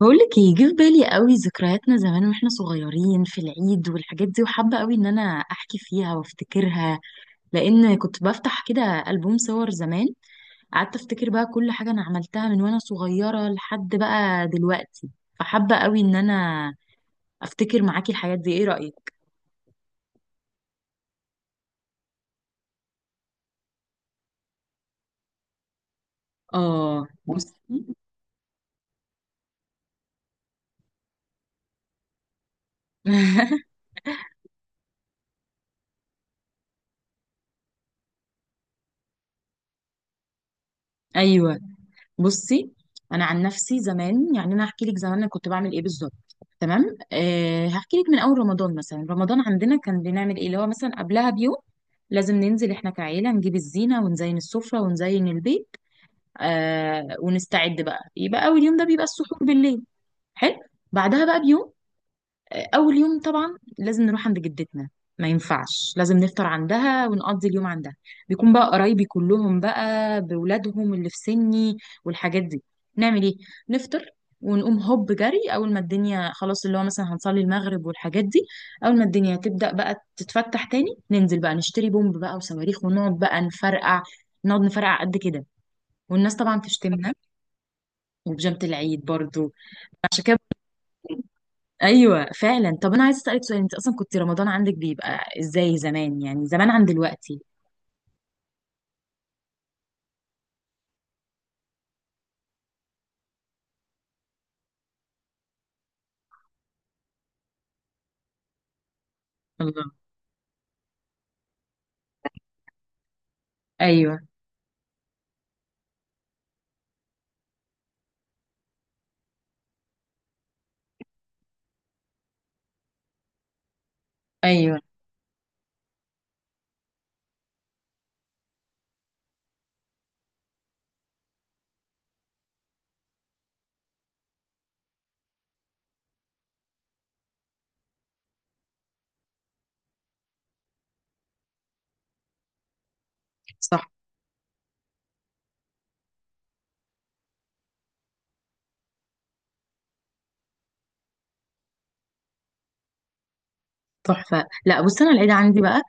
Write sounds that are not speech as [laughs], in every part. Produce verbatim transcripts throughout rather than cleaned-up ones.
بقولك ايه جه في بالي قوي. ذكرياتنا زمان واحنا صغيرين في العيد والحاجات دي، وحابة قوي ان انا احكي فيها وافتكرها، لان كنت بفتح كده ألبوم صور زمان. قعدت افتكر بقى كل حاجة انا عملتها من وانا صغيرة لحد بقى دلوقتي. فحابة قوي ان انا افتكر معاكي الحاجات دي. ايه رأيك؟ اه، بصي. [laughs] ايوه، بصي. انا عن نفسي زمان، يعني انا هحكي لك زمان انا كنت بعمل ايه بالظبط. تمام، أه هحكي لك من اول رمضان. مثلا رمضان عندنا كان بنعمل ايه؟ اللي هو مثلا قبلها بيوم لازم ننزل احنا كعيله نجيب الزينه ونزين السفره ونزين البيت. أه ونستعد بقى. يبقى اول يوم ده بيبقى السحور بالليل. حلو. بعدها بقى بيوم، اول يوم طبعا لازم نروح عند جدتنا. ما ينفعش، لازم نفطر عندها ونقضي اليوم عندها. بيكون بقى قرايبي كلهم بقى بولادهم اللي في سني والحاجات دي. نعمل ايه؟ نفطر، ونقوم هوب جري. اول ما الدنيا خلاص، اللي هو مثلا هنصلي المغرب والحاجات دي. اول ما الدنيا تبدأ بقى تتفتح تاني، ننزل بقى نشتري بومب بقى وصواريخ، ونقعد بقى نفرقع. نقعد نفرقع قد كده. والناس طبعا تشتمنا. وبيجامة العيد برضو، عشان كده. ايوه فعلا. طب انا عايزه اسالك سؤال، انت اصلا كنت رمضان عندك بيبقى ازاي زمان، يعني زمان عن دلوقتي؟ الله. ايوه. ايوه، صح. تحفه. لا بص، انا العيد عندي بقى.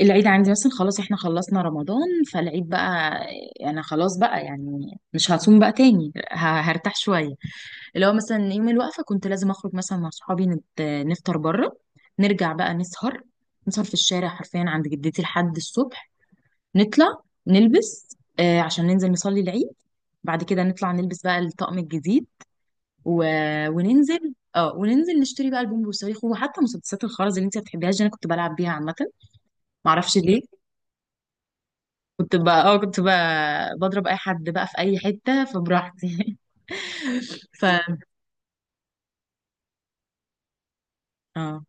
العيد عندي مثلا خلاص احنا خلصنا رمضان، فالعيد بقى انا خلاص بقى، يعني مش هصوم بقى تاني، ه- هرتاح شويه. اللي هو مثلا يوم الوقفه كنت لازم اخرج مثلا مع صحابي نت- نفطر بره. نرجع بقى نسهر نسهر في الشارع حرفيا عند جدتي لحد الصبح. نطلع نلبس آه، عشان ننزل نصلي العيد. بعد كده نطلع نلبس بقى الطقم الجديد و... وننزل اه وننزل نشتري بقى البومب والصواريخ، وحتى مسدسات الخرز اللي انت ما بتحبيهاش دي انا كنت بلعب بيها عامه. ما اعرفش ليه. كنت بقى اه كنت بقى بضرب اي حد بقى في اي حته فبراحتي. [laughs] ف اه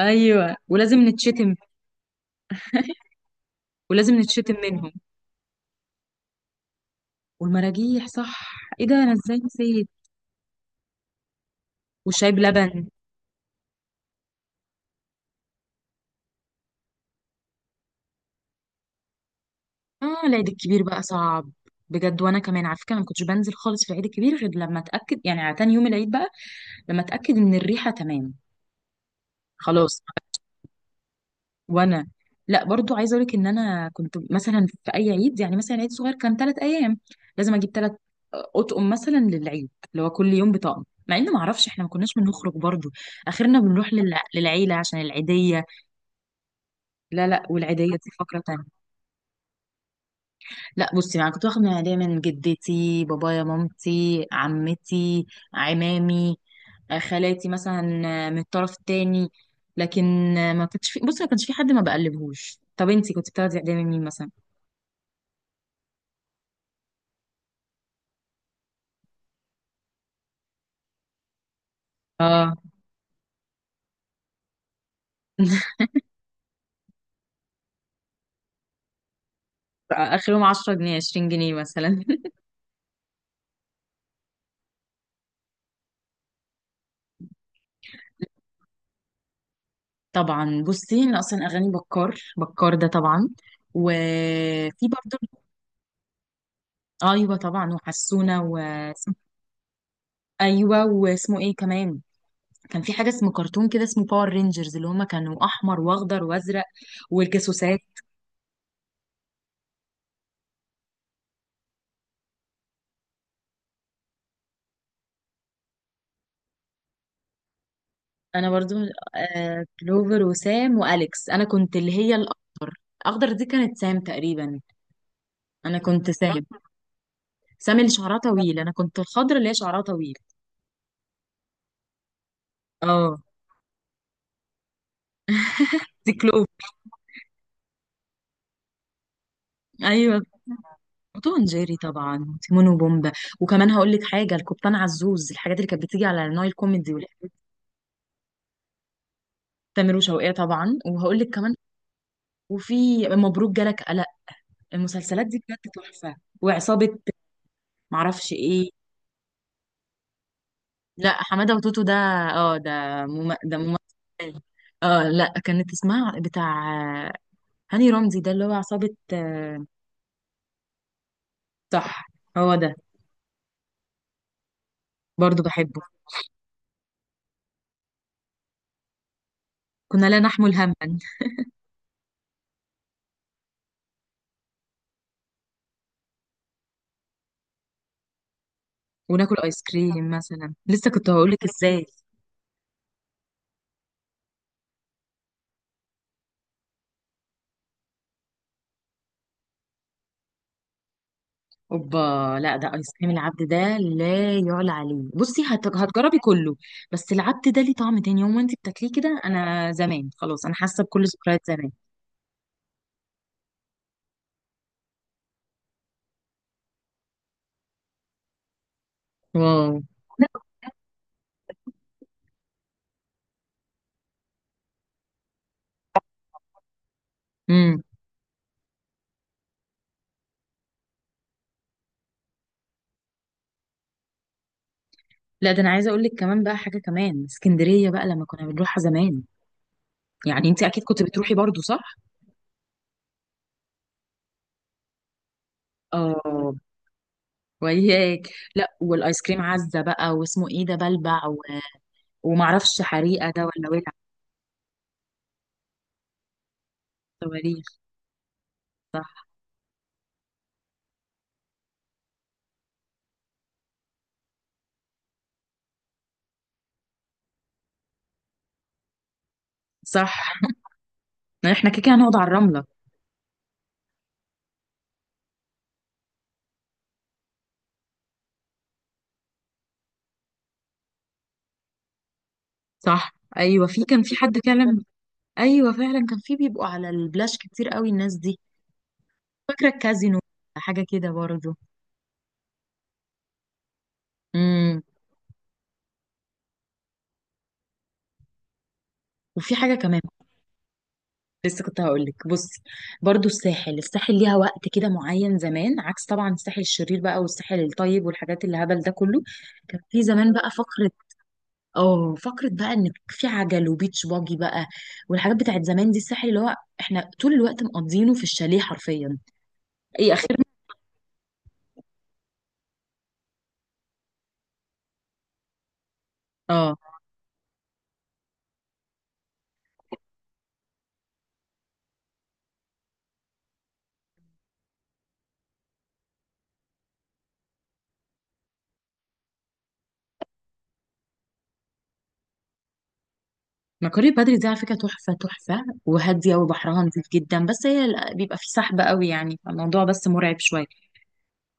ايوه. ولازم نتشتم. ولازم نتشتم منهم. والمراجيح، صح. ايه ده، انا ازاي نسيت؟ والشاي بلبن. اه العيد الكبير بقى صعب بجد. وانا كمان على فكره، أنا ما كنتش بنزل خالص في العيد الكبير غير لما اتاكد، يعني على تاني يوم العيد بقى، لما اتاكد ان الريحه تمام. خلاص. وانا لا، برضو عايزه اقول لك ان انا كنت مثلا في اي عيد، يعني مثلا عيد صغير كان ثلاث ايام، لازم اجيب ثلاث اطقم مثلا للعيد، اللي هو كل يوم بطقم، مع ان ما اعرفش احنا ما كناش بنخرج برضو. اخرنا بنروح للع... للعيله عشان العيديه. لا لا، والعيديه دي فقره تانية. لا بصي، يعني كنت واخد من العيديه من جدتي، بابايا، مامتي، عمتي، عمامي، آه، خالاتي مثلا، آه، من الطرف التاني، لكن آه، ما كانش في. بصي، ما كانش في حد ما بقلبهوش. طب انتي كنت بتاخدي اعدام من مين مثلا؟ اه. [laughs] اخرهم عشرة جنيه عشرين جنيه مثلا. [laughs] طبعا بصي، انا اصلا اغاني بكار، بكار ده طبعا. وفي برضه. ايوه طبعا، وحسونه، و [laughs] ايوه، واسمه ايه كمان؟ كان في حاجه اسمه كرتون كده اسمه باور رينجرز اللي هما كانوا احمر واخضر وازرق. والجاسوسات. انا برضو آه، كلوفر وسام واليكس. انا كنت اللي هي الاخضر. الاخضر دي كانت سام تقريبا. انا كنت سام. سام اللي شعرها طويل، انا كنت الخضر اللي هي شعرها طويل. اه دي كلوفر. ايوه، وتوم جيري طبعا، وتيمون وبومبا. وكمان هقول لك حاجه، القبطان عزوز، الحاجات اللي كانت بتيجي على النايل كوميدي والحاجات دي. تامر وشوقية طبعا. وهقول لك كمان، وفي مبروك جالك قلق. المسلسلات دي كانت تحفه. وعصابه، معرفش ايه. لا، حماده وتوتو ده. اه ده. مم... ده ممثل. اه لا، كانت اسمها بتاع آه، هاني رمزي ده، اللي هو عصابة. آه، صح، هو ده. برضو بحبه. كنا لا نحمل هما. وناكل ايس كريم مثلا. لسه كنت هقولك ازاي. اوبا. لا ده ايس كريم العبد ده لا يعلى عليه. بصي، هت- هتجربي كله. بس العبد ده ليه طعم تاني. يوم وانت بتاكليه كده، انا زمان خلاص، انا حاسه بكل ذكريات زمان. واو. امم لا ده انا عايزه اقول لك كمان بقى حاجه، كمان اسكندريه بقى لما كنا بنروحها زمان. يعني انت اكيد كنت بتروحي برضو، صح؟ اه. وياك. لا والايس كريم عزة بقى، واسمه ايه ده، بلبع، و... ومعرفش حريقة ده ولا ولع. صواريخ. صح، ما احنا كده كده هنقعد على الرملة. صح ايوه، في كان في حد كلم. ايوه فعلا، كان في بيبقوا على البلاش كتير قوي الناس دي. فاكرة الكازينو، حاجة كده برضو. امم وفي حاجة كمان. لسه كنت هقول لك بصي، برضو الساحل الساحل ليها وقت كده معين زمان، عكس طبعا الساحل الشرير بقى والساحل الطيب والحاجات اللي هبل ده كله. كان في زمان بقى فقرة اه فكرة بقى ان في عجل وبيتش باجي بقى. والحاجات بتاعت زمان دي، الساحل اللي هو احنا طول الوقت مقضينه في الشاليه حرفيا. اي اخر. اه مكاري بدري دي على فكرة تحفة تحفة وهادية، وبحرها نظيف جدا، بس هي ال- بيبقى في سحب قوي يعني، فالموضوع بس مرعب شوية.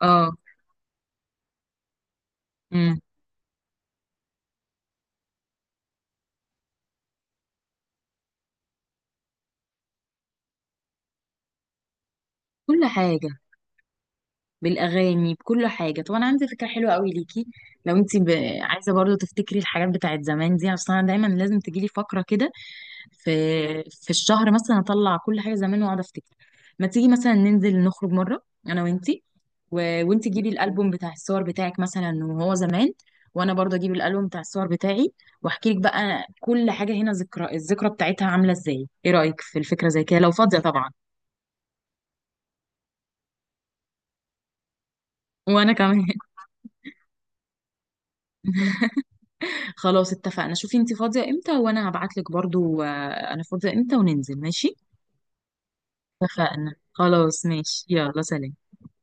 اه. امم كل حاجة بالأغاني، بكل حاجة. طب أنا عندي فكرة حلوة قوي ليكي، لو انت ب... عايزة برضو تفتكري الحاجات بتاعت زمان دي. أصلا دايما لازم تجيلي فقرة كده في في الشهر مثلا، اطلع كل حاجه زمان واقعد افتكر. ما تيجي مثلا ننزل نخرج مره، انا وانتي، و... وانتي جيبي الالبوم بتاع الصور بتاعك مثلا وهو زمان، وانا برضه اجيب الالبوم بتاع الصور بتاعي، واحكي لك بقى كل حاجه هنا ذكرى الذكرى بتاعتها عامله ازاي. ايه رايك في الفكره زي كده، لو فاضيه طبعا؟ وانا كمان. [laughs] خلاص اتفقنا. شوفي انتي فاضيه امتى، وانا هبعت لك برضه آه، انا فاضيه امتى وننزل. ماشي. اتفقنا خلاص، ماشي، يلا سلام.